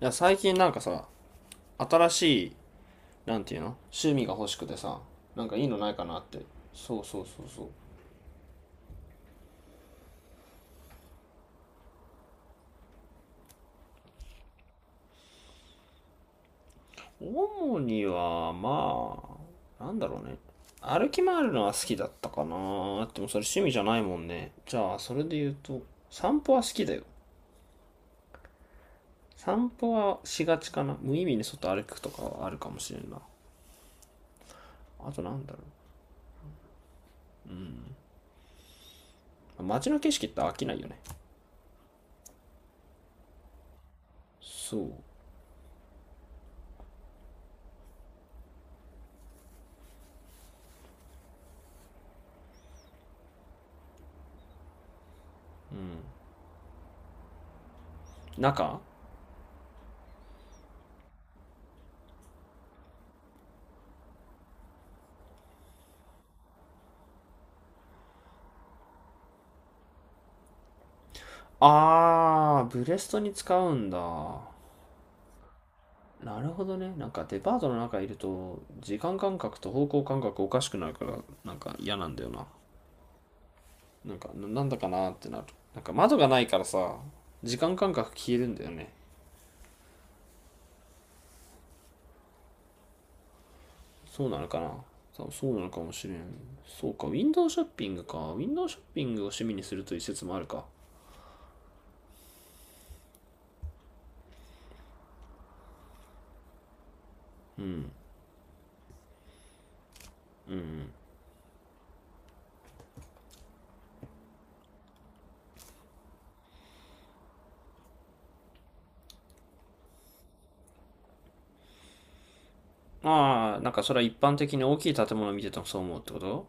いや最近なんかさ新しいなんていうの趣味が欲しくてさ、なんかいいのないかなって。そうそうそうそう。主にはまあなんだろうね、歩き回るのは好きだったかな。でもそれ趣味じゃないもんね。じゃあそれで言うと、散歩は好きだよ。散歩はしがちかな。無意味に外歩くとかはあるかもしれんな。あと街の景色って飽きないよね。そう。中、あーブレストに使うんだ。なるほどね。なんかデパートの中いると、時間感覚と方向感覚おかしくなるから、なんか嫌なんだよな。なんか、なんだかなってなる。なんか窓がないからさ、時間感覚消えるんだよね。そうなのかな。そうそうなのかもしれん。そうか、ウィンドウショッピングか。ウィンドウショッピングを趣味にするという説もあるか。ああ、なんかそれは一般的に大きい建物を見ててもそう思うってこと？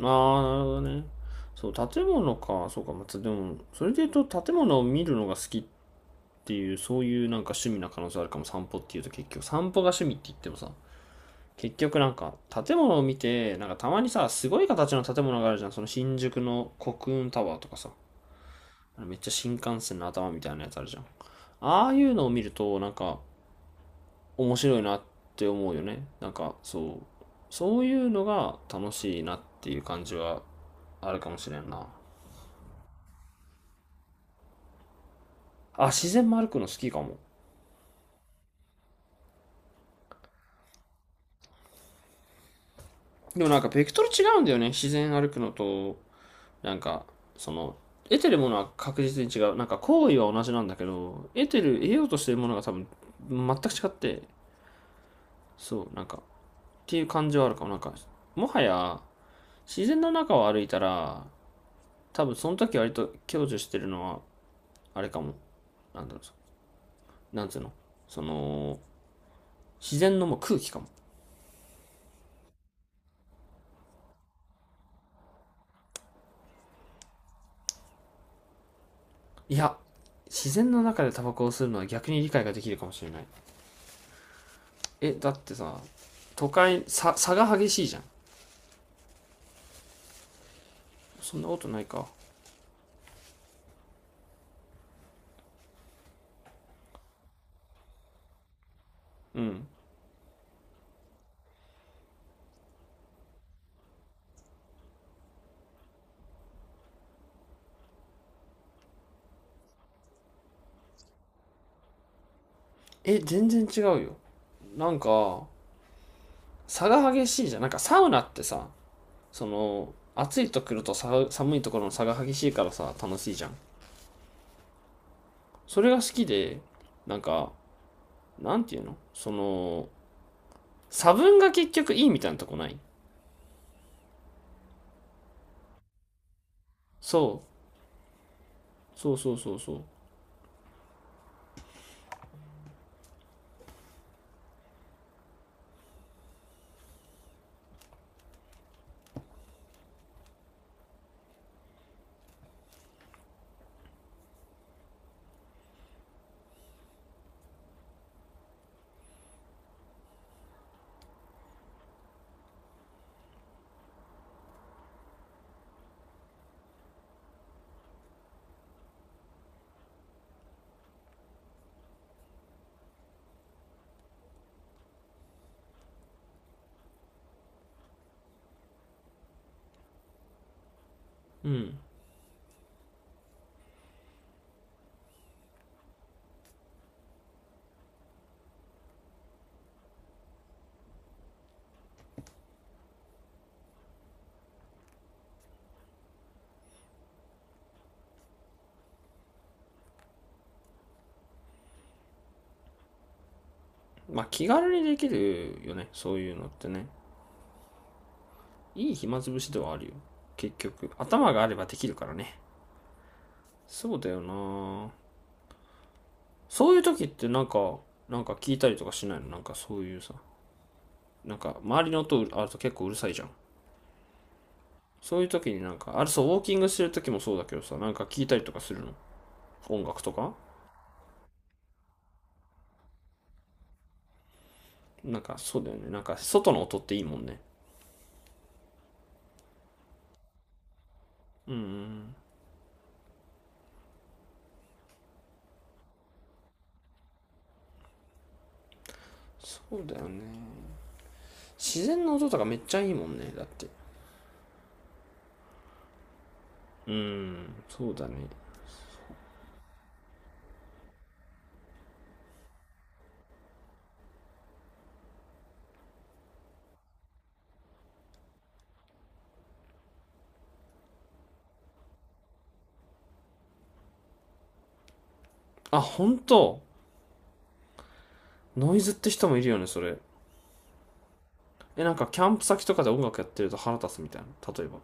ああ、なるほどね。そう、建物か。そうか、まあ、でも、それで言うと建物を見るのが好きっいう、そういうなんか趣味な可能性あるかも。散歩っていうと結局、散歩が趣味って言ってもさ、結局なんか建物を見て、なんかたまにさ、すごい形の建物があるじゃん。その新宿の国運タワーとかさ、めっちゃ新幹線の頭みたいなやつあるじゃん。ああいうのを見ると、なんか面白いなって思うよね。なんかそう、そういうのが楽しいなっていう感じはあるかもしれんな。あ、自然も歩くの好きかも。でもなんかベクトル違うんだよね。自然歩くのと、なんか、その、得てるものは確実に違う。なんか行為は同じなんだけど、得てる得ようとしてるものが多分全く違って、そうなんかていう感じはあるかも。なんかもはや自然の中を歩いたら、多分その時割と享受してるのは、あれかも、なんだろうなんつうのその、自然のもう空気かも。いや、自然の中でタバコを吸うのは逆に理解ができるかもしれない。だってさ、都会さ差が激しいじゃん。そんなことないか。え、全然違うよ。なんか差が激しいじゃん。なんかサウナってさ、その暑いところとさ寒いところの差が激しいからさ楽しいじゃん。それが好きで、なんか、なんていうの、その差分が結局いいみたいなとこない？そうそうそうそうそう。まあ気軽にできるよね、そういうのってね。いい暇つぶしではあるよ。結局頭があればできるからね。そうだよな。そういう時ってなんか、なんか聞いたりとかしないの？なんかそういうさ、なんか周りの音あると結構うるさいじゃん。そういう時になんか、あれ、そうウォーキングしてる時もそうだけどさ、なんか聞いたりとかするの？音楽とか。なんかそうだよね、なんか外の音っていいもんね。そうだよね、自然の音とかめっちゃいいもんねだって。うーんそうだね。あ、本当？ノイズって人もいるよね、それ。え、なんかキャンプ先とかで音楽やってると腹立つみたいな、例えば。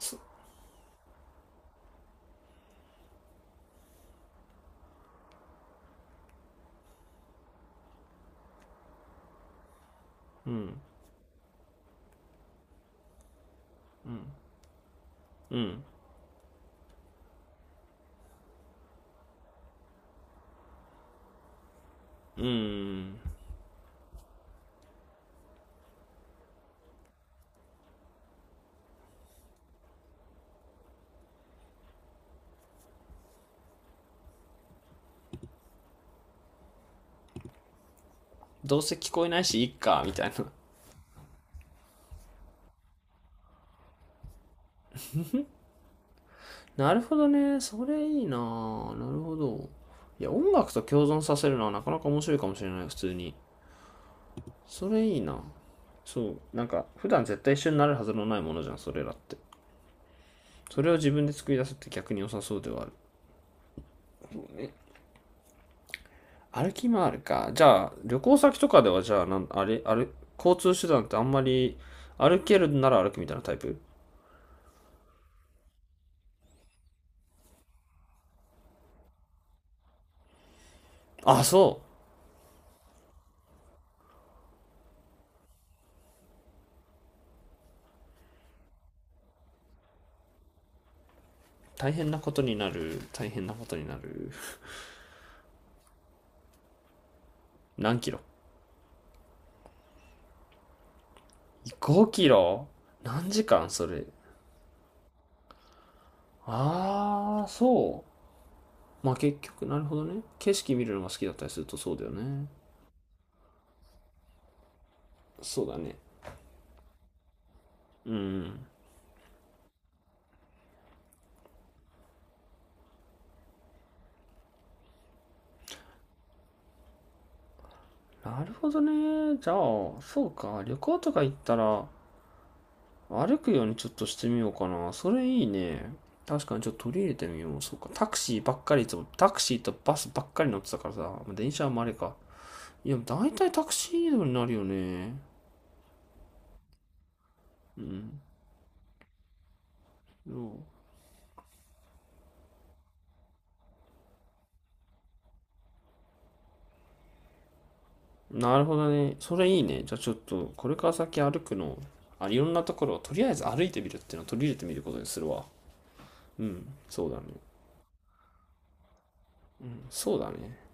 そどうせ聞こえないし、いっかみたいな。なるほどね。それいいなぁ。なるほど。いや、音楽と共存させるのはなかなか面白いかもしれない、普通に。それいいな。そう。なんか、普段絶対一緒になるはずのないものじゃん、それらって。それを自分で作り出すって逆に良さそうではある。歩き回るか。じゃあ、旅行先とかでは、じゃあ、あれ、交通手段ってあんまり、歩けるなら歩くみたいなタイプ？あ、そう。大変なことになる。大変なことになる。何キロ？ 5 キロ？何時間それ。ああ、そう。まあ結局、なるほどね。景色見るのが好きだったりするとそうだよね。そうだね。うん。なるほどね。じゃあ、そうか。旅行とか行ったら、歩くようにちょっとしてみようかな。それいいね。確かにちょっと取り入れてみよう。そうか。タクシーばっかりいつも、タクシーとバスばっかり乗ってたからさ、まあ電車はまああれか。いや、だいたいタクシー移動になるよね。うん。そう、なるほどね。それいいね。じゃあちょっと、これから先歩くの、あ、いろんなところをとりあえず歩いてみるっていうのを取り入れてみることにするわ。うん、そうだね。そうだね。